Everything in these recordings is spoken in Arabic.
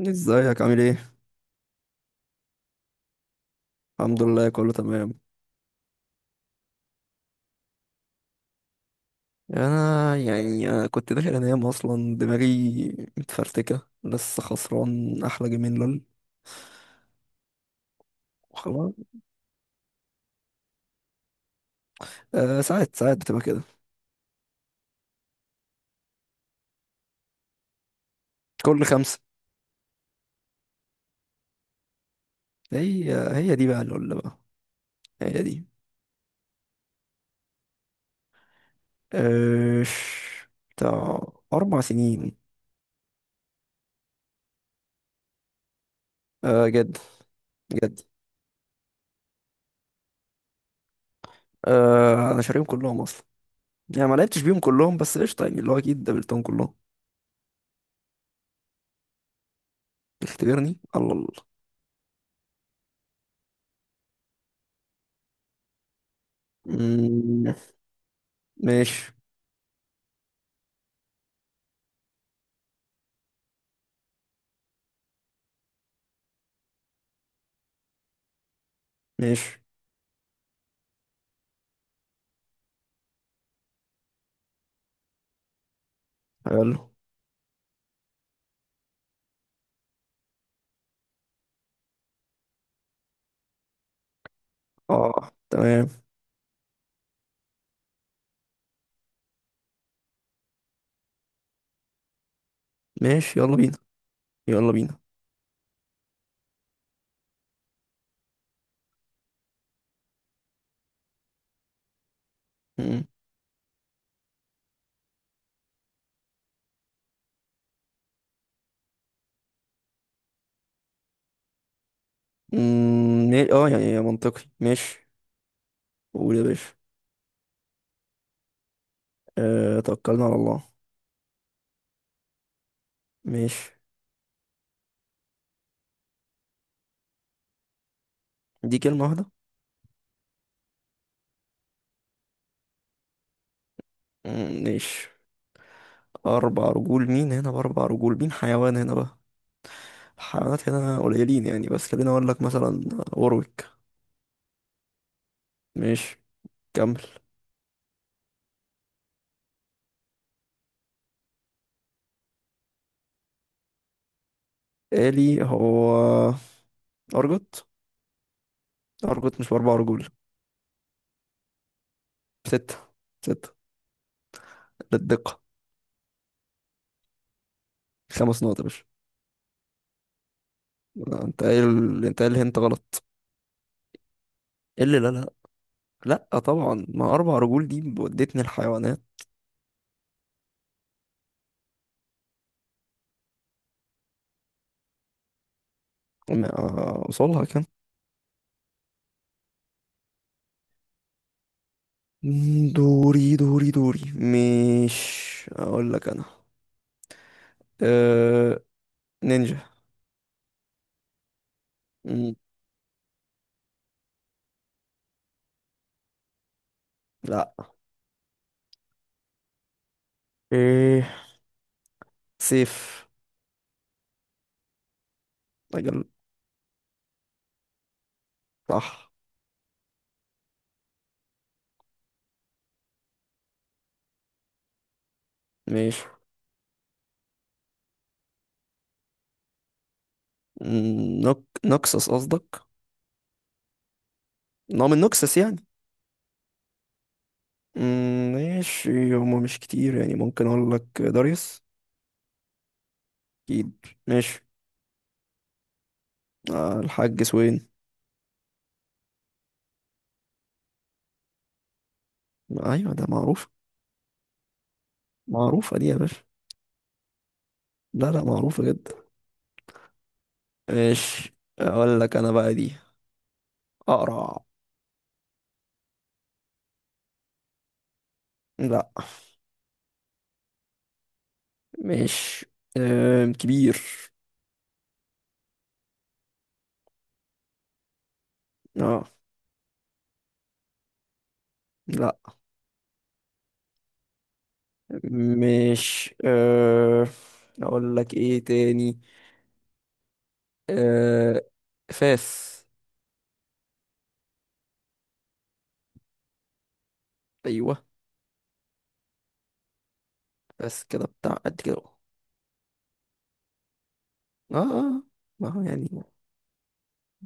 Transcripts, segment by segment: ازيك؟ عامل ايه؟ الحمد لله، كله تمام. انا كنت داخل انام اصلا، دماغي متفرتكه، لسه خسران احلى جيمين لول. وخلاص. أه، ساعات ساعات بتبقى كده. كل خمسه. هي دي بقى لول بقى. هي دي. أه، بتاع 4 سنين. أه، جد. جد. أه، انا شاريهم كلهم اصلا. يعني ما لعبتش بيهم كلهم بس قشطه، يعني اللي هو اكيد قابلتهم كلهم. اختبرني. الله الله. مم، ماشي. ماشي. حلو. اه، تمام. ماشي، يلا بينا. يلا بينا. مم. يعني منطقي، ماشي. قول يا باشا. أه، توكلنا على الله. ماشي. دي كلمة واحدة. ماشي. أربع رجول مين هنا؟ بأربع رجول مين حيوان هنا بقى؟ الحيوانات هنا قليلين يعني، بس خليني أقول لك مثلا. وروك. ماشي، كمل. آلي هو؟ أرجوت. أرجوت مش بأربع رجول. ستة. ستة. للدقة. 5 نقط يا باشا. لا، انت قايل. انت قايل انت غلط. ايه اللي لا لا؟ لا طبعا، ما اربع رجول دي ودتني الحيوانات. ما اوصلها كان. دوري دوري دوري. مش اقول لك انا. أه... نينجا. مم، لا. ايه؟ سيف. اجل. صح. ماشي. نوكسس قصدك. نوع من نوكسس يعني. ماشي. هما مش كتير يعني، ممكن اقول لك داريوس. اكيد. ماشي. آه، الحاج سوين. ايوه ده معروف. معروفة دي يا باشا. لا لا، معروفة جدا. مش اقول لك انا بقى دي. اقرع. لا. مش كبير. اه. لا. مش اقول لك ايه تاني؟ أه، فاس. ايوه. بس كده بتاع قد كده اهو. اه اه. ما هو يعني.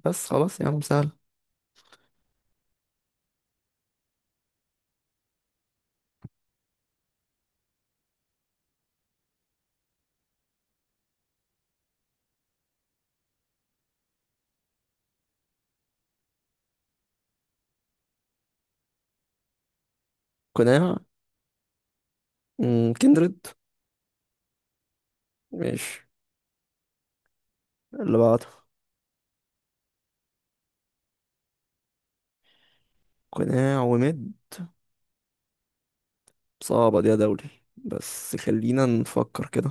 بس خلاص يا عم، سهل. قناع. كندريد. مش اللي بعده. قناع ومد. صعبة دي يا دولي، بس خلينا نفكر كده.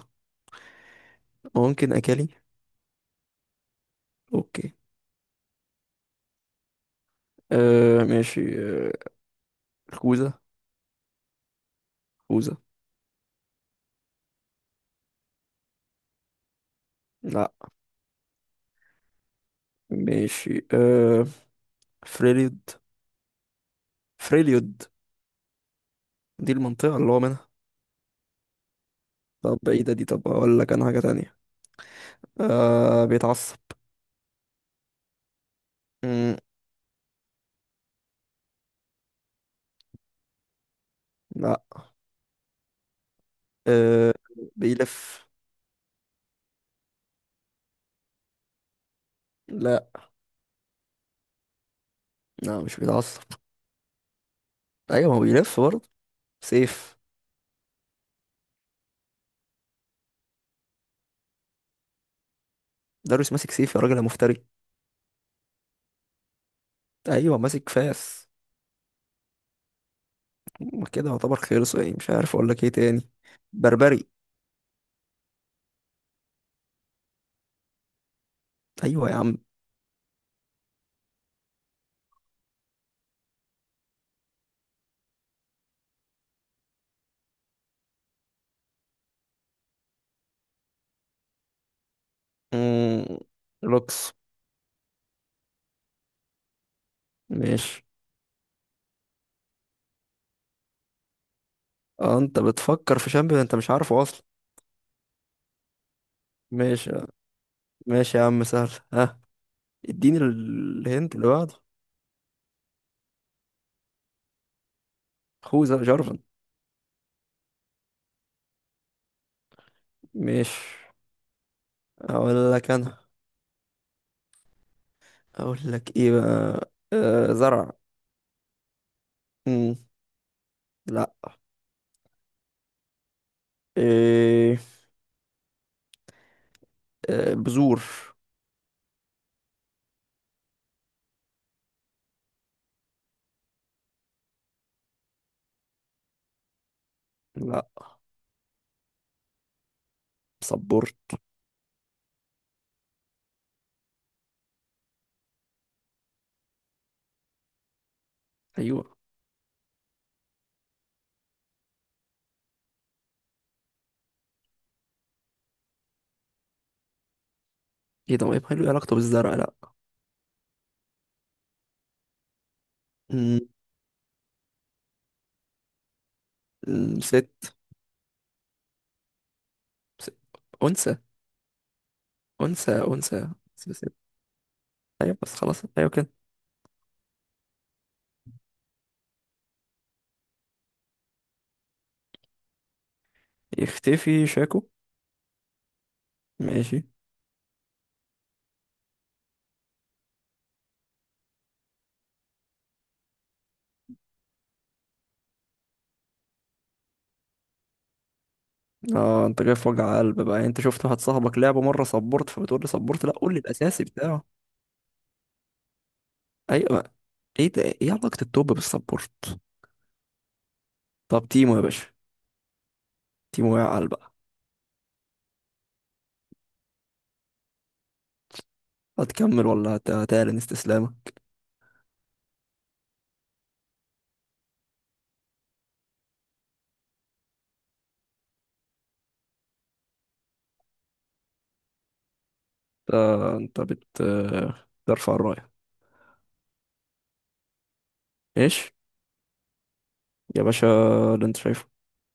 ممكن أكالي. أوكي. آه، ماشي. آه خوذة. خوذة. لا. ماشي. فريليود. فريليود. دي المنطقة اللي هو منها. طب بعيدة دي، طب أقول لك أنا حاجة تانية. بيتعصب. مم. لا. آه بيلف. لا لا، مش بيتعصب. أيوة ما هو بيلف برضه. سيف. داريوس ماسك سيف يا راجل يا مفتري. أيوة ماسك فاس. ما كده يعتبر خلص، يعني مش عارف أقول لك إيه تاني. بربري. أيوة يا عم. مم. لوكس. ماشي. اه انت بتفكر في شامبيون انت مش عارفه اصلا. ماشي. ماشي يا عم، سهل. ها، اديني الهنت اللي بعده. خوذة جارفن. مش اقول لك انا. اقول لك ايه بقى. زرع. مم. لا. إيه؟ بذور. لا. صبور. ايوه. ايه ده؟ ما يبقى له علاقته بالزرع، لا. مم. ست. ست. انثى. انثى انثى. ست. ست. ايوه بس خلاص، ايوه كده. يختفي شاكو. ماشي. اه انت جاي في وجع قلب بقى؟ يعني انت شفت واحد صاحبك لعبه مره سبورت فبتقول لي سبورت؟ لا، قول لي الاساسي بتاعه. ايوه. ايه ده؟ ايه علاقه التوب بالسبورت؟ طب تيمو يا باشا. تيمو يا عال بقى. هتكمل ولا هتعلن استسلامك؟ انت انت ترفع الرايه. ايش. يا باشا اللي انت شايفه.